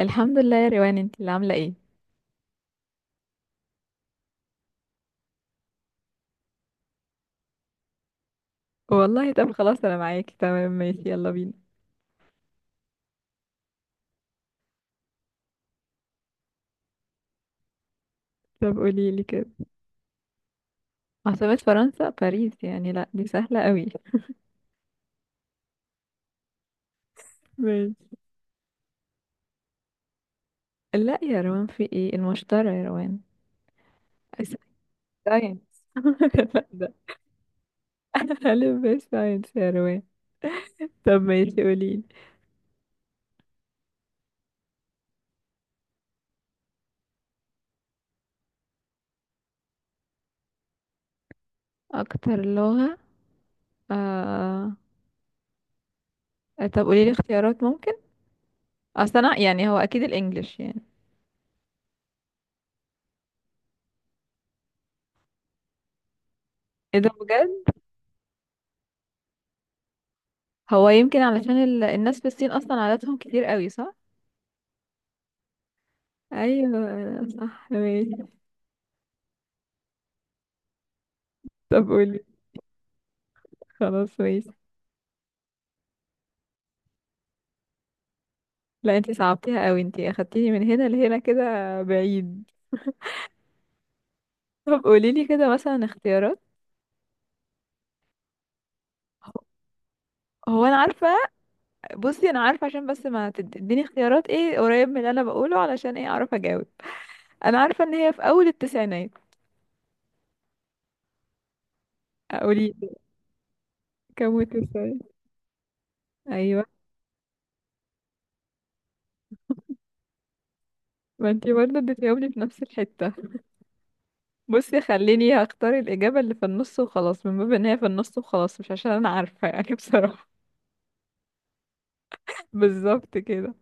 الحمد لله يا روان، انت اللي عامله ايه؟ والله، طب خلاص انا معاكي تمام، ماشي، يلا بينا. طب قولي لي كده. عاصمة فرنسا باريس، يعني لا دي سهله قوي. ماشي. لا يا روان، في ايه؟ المشترى يا روان. ساينس. لا ده الف ب، ساينس يا روان. طب ماشي، قولي لي. اكتر لغه. آه... طب قولي لي اختيارات ممكن. اصل انا يعني، هو اكيد الانجليش يعني. ايه ده بجد؟ هو يمكن علشان الناس في الصين اصلا عاداتهم كتير قوي، صح؟ ايوه صح، ماشي. طب قولي. خلاص ماشي. لا انتي صعبتيها قوي، انتي اخدتيني من هنا لهنا كده، بعيد. طب قوليلي كده مثلا اختيارات. هو انا عارفه. بصي انا عارفه، عشان بس ما تديني اختيارات ايه قريب من اللي انا بقوله علشان ايه اعرف اجاوب. انا عارفه ان هي في اول التسعينات. قولي. كم التسعينات؟ ايوه. ما انتي برضه اديتيهم لي في نفس الحته. بصي خليني هختار الاجابه اللي في النص وخلاص، من باب ان هي في النص وخلاص، مش عشان انا عارفه يعني بصراحه. بالظبط كده.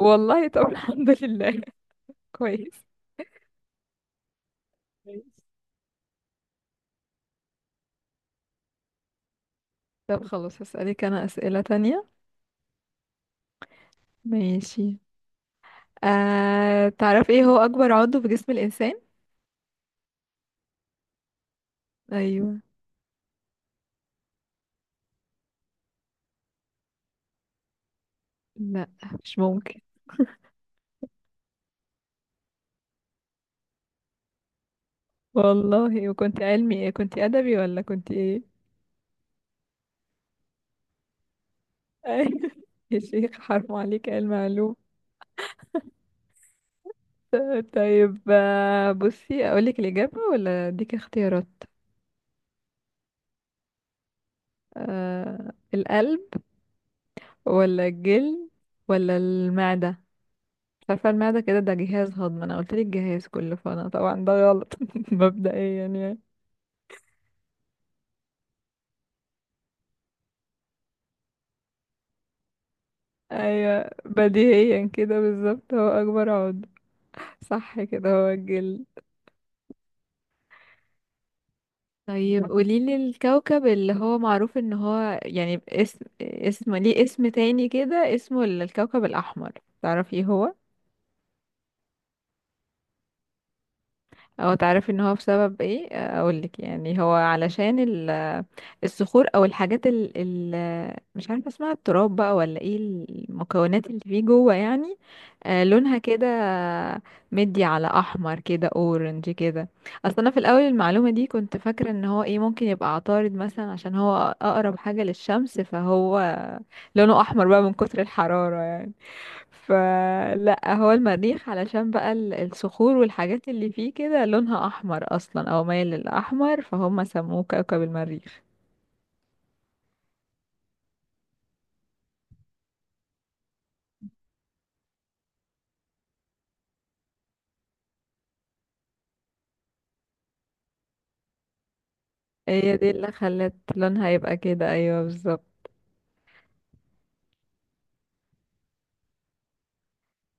والله، طب الحمد لله. كويس. كويس. طب خلاص، هسألك أنا أسئلة تانية. ماشي. تعرف ايه هو أكبر عضو في جسم الإنسان؟ أيوه. لا، مش ممكن. والله، وكنت علمي ايه، كنت أدبي ولا كنت ايه؟ يا شيخ، حرام عليك يا المعلوم. طيب بصي أقولك الإجابة ولا أديك اختيارات؟ القلب ولا الجلد ولا المعدة؟ عارفة المعدة كده، ده جهاز هضم، انا قلت لك جهاز كله، فانا طبعا ده غلط. مبدئيا يعني. ايوه، بديهيا كده، بالظبط هو اكبر عضو. صح كده، هو الجلد. طيب قوليلي الكوكب اللي هو معروف ان هو يعني اسم ليه، اسم تاني كده، اسمه الكوكب الاحمر. تعرفي هو؟ او تعرفي ان هو بسبب ايه؟ اقول لك يعني، هو علشان الصخور او الحاجات، مش عارفه اسمها، التراب بقى ولا ايه المكونات اللي فيه جوه يعني. لونها كده، مدي على احمر كده، اورنج كده. اصل انا في الاول المعلومه دي كنت فاكره ان هو ايه، ممكن يبقى عطارد مثلا، عشان هو اقرب حاجه للشمس، فهو لونه احمر بقى من كتر الحراره يعني. فلا، هو المريخ، علشان بقى الصخور والحاجات اللي فيه كده لونها احمر اصلا او مايل للاحمر، فهم سموه كوكب المريخ. هي دي اللي خلت لونها يبقى كده، ايوه بالظبط.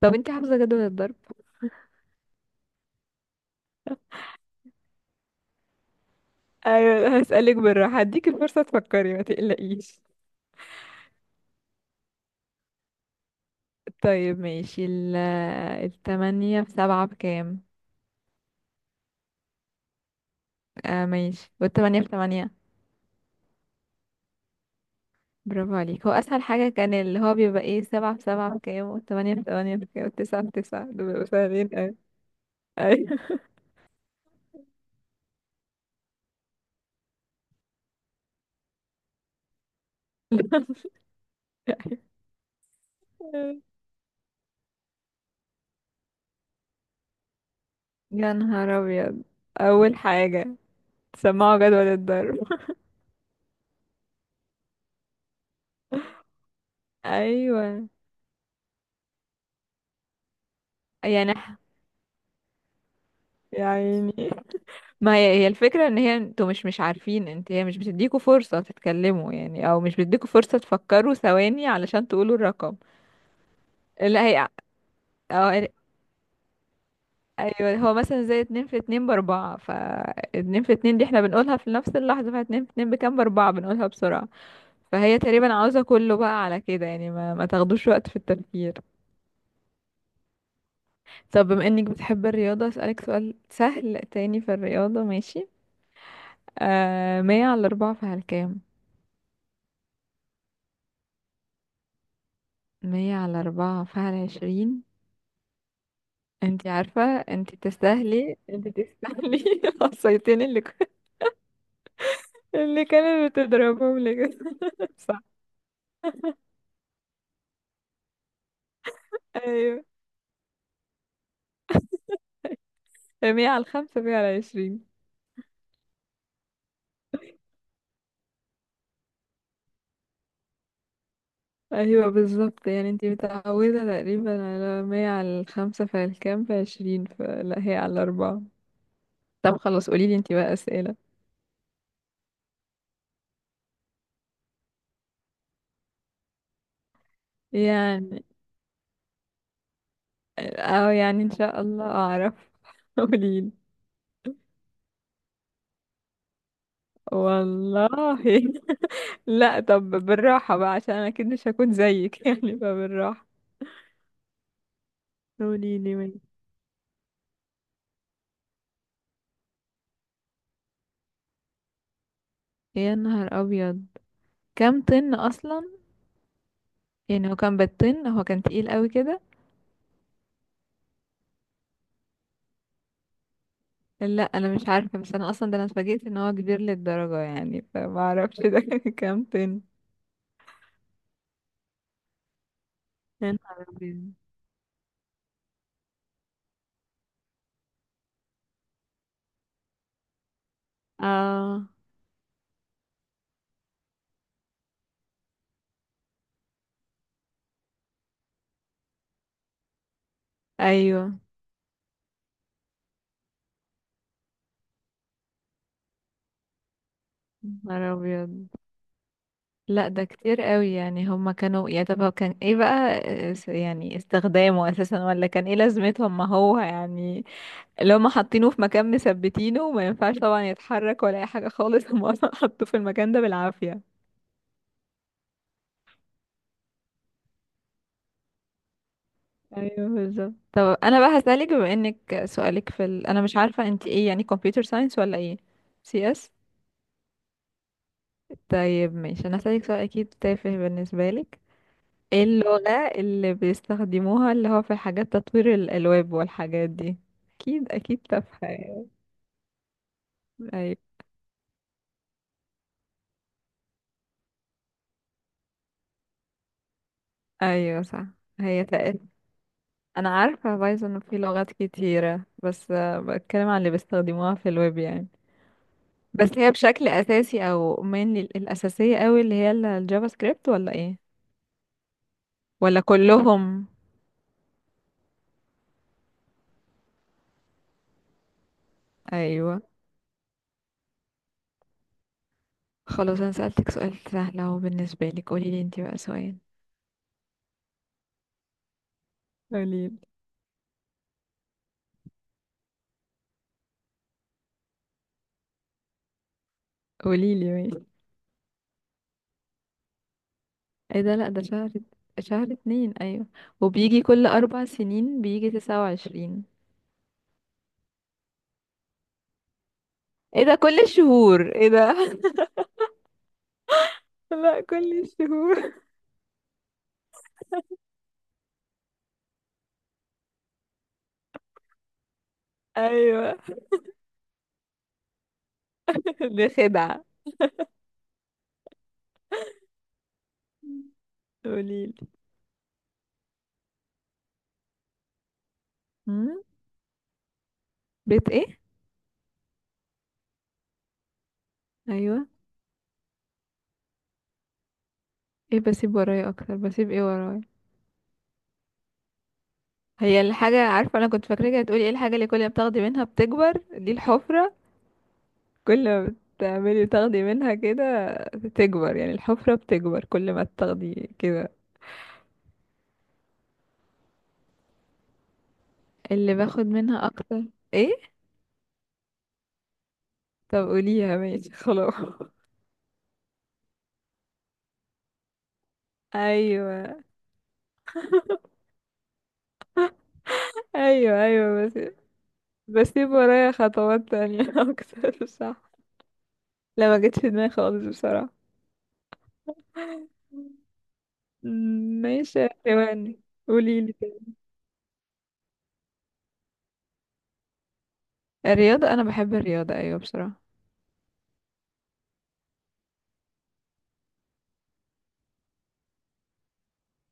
طب انت حافظه جدول الضرب؟ ايوه هسألك بالراحه، هديك الفرصه تفكري، ما تقلقيش. طيب ماشي، التمانية في سبعة بكام؟ ماشي، والتمانية في تمانية؟ برافو عليك، هو أسهل حاجة كان اللي هو بيبقى ايه، سبعة في سبعة بكام والتمانية في تمانية بكام والتسعة في تسعة، دول بيبقوا سهلين. أيوة. يا نهار ابيض. اول حاجة، سمعوا جدول الضرب. ايوه. يعني. يا عيني. ما هي هي الفكرة ان هي انتوا مش عارفين، انت هي مش بتديكوا فرصة تتكلموا يعني، او مش بتديكوا فرصة تفكروا ثواني علشان تقولوا الرقم. لا هي. أو. ايوه، هو مثلا زي اتنين في اتنين باربعة. اتنين في اتنين دي احنا بنقولها في نفس اللحظة، فاتنين في اتنين بكام، باربعة، بنقولها بسرعة. فهي تقريبا عاوزة كله بقى على كده يعني، ما تاخدوش وقت في التفكير. طب بما انك بتحب الرياضة، اسألك سؤال سهل تاني في الرياضة، ماشي. مية على أربعة فهل كام؟ مية على أربعة فهل عشرين. انتي عارفة انتي تستاهلي انتي تستاهلي الصيتين اللي كانت بتضربهم لك. صح. ايوه. مية على الخمسة، مية على عشرين. ايوه بالظبط، يعني انتي متعودة تقريبا على مية على الخمسة فهل كام، في عشرين، فلا هي على أربعة. طب خلاص قوليلي انتي بقى أسئلة. يعني، اه يعني ان شاء الله اعرف. قوليلي. والله. لا طب بالراحة بقى عشان انا اكيد مش هكون زيك يعني، فبالراحة. قوليلي من. يا نهار ابيض. كام طن اصلا؟ يعني هو كان بالطن، هو كان تقيل قوي كده. لا انا مش عارفة، بس انا اصلا ده، انا اتفاجئت ان هو كبير للدرجة يعني، فما اعرفش ده كام طن. يا نهار ابيض. اه. ايوه. يا نهار ابيض. لا ده كتير قوي، يعني هما كانوا يا، طب هو كان ايه بقى؟ يعني استخدامه اساسا، ولا كان ايه لازمته، ما هو يعني اللي هما حاطينه في مكان مثبتينه وما ينفعش طبعا يتحرك ولا اي حاجة خالص، هما اصلا حطوه في المكان ده بالعافية. ايوه بالظبط. طب انا بقى هسألك، بما انك سؤالك في انا مش عارفة انت ايه يعني، كمبيوتر ساينس ولا ايه، سي اس. طيب ماشي، انا هسألك سؤال اكيد تافه بالنسبة لك. ايه اللغة اللي بيستخدموها، اللي هو في حاجات تطوير الألواب والحاجات دي؟ أكيد أكيد تافهة يعني. أيوة. أيوة صح. هي تقل. أنا عارفة بايثون، في لغات كتيرة، بس بتكلم عن اللي بيستخدموها في الويب يعني. بس هي بشكل أساسي أو من الأساسية أوي، اللي هي الجافا سكريبت، ولا إيه ولا كلهم؟ أيوة. خلاص أنا سألتك سؤال سهل أهو بالنسبة لك، قوليلي انتي بقى سؤال. قوليلي. قوليلي ماشي. ايه ده؟ لا ده شهر، شهر اتنين، ايوه. وبيجي كل 4 سنين بيجي 29. ايه ده، كل الشهور؟ ايه ده؟ لا كل الشهور. ايوه. دي خدعة. قوليلي. أمم؟ بيت ايه؟ ايوه. ايه بسيب ورايا اكتر، بسيب ايه ورايا؟ هي الحاجة، عارفة انا كنت فاكراك هتقولي ايه الحاجة اللي كل ما بتاخدي منها بتكبر، دي الحفرة. كل ما بتعملي تاخدي منها كده بتكبر، يعني الحفرة بتكبر كل ما تاخدي كده. اللي باخد منها اكتر. ايه؟ طب قوليها، ماشي خلاص. ايوه، ايوه، ايوه، بس. بسيب ورايا خطوات تانية اكتر، صح؟ لا ما جتش في دماغي خالص بصراحة. ماشي، ثواني. قوليلي كده. الرياضة، انا بحب الرياضة ايوه بصراحة.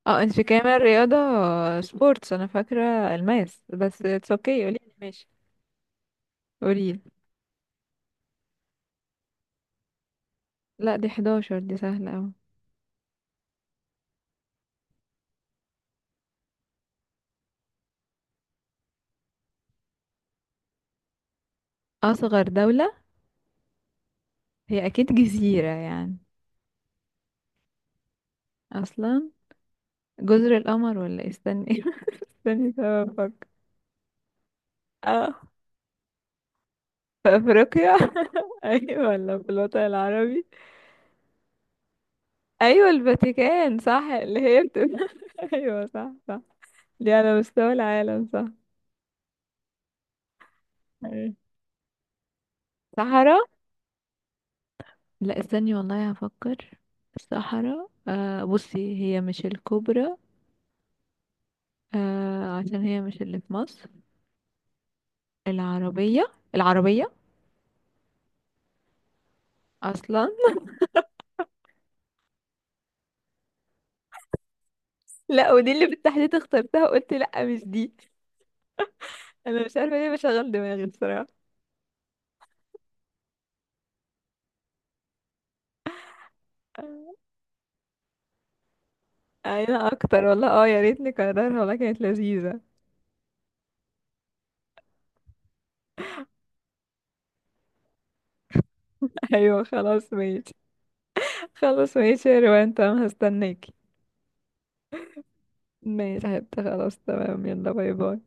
اه انت في كامل رياضة، سبورتس. انا فاكرة الماس بس اتس اوكي، قوليلي ماشي. قوليلي. لا دي 11، دي سهلة اوي. اصغر دولة. هي اكيد جزيرة يعني. اصلا. جزر القمر ولا إيه؟ استني. استني طب أفكر. اه، في افريقيا. ايوه، ولا في الوطن العربي؟ ايوه الفاتيكان صح، اللي هي بتبقى. ايوه، صح، صح. دي على مستوى العالم، صح؟ أيوة. صحراء. لا استني والله هفكر. الصحراء، بصي هي مش الكبرى. عشان هي مش اللي في مصر. العربية. العربية. اصلا. لا، ودي اللي بالتحديد اخترتها وقلت لا مش دي. انا مش عارفه ليه بشغل دماغي بصراحه. ايوه اكتر والله، اه يا ريت نكررها والله، كانت لذيذة. ايوه خلاص ماشي. خلاص ماشي يا روان، تمام هستناكي. ماشي، حتى خلاص، تمام، يلا باي باي.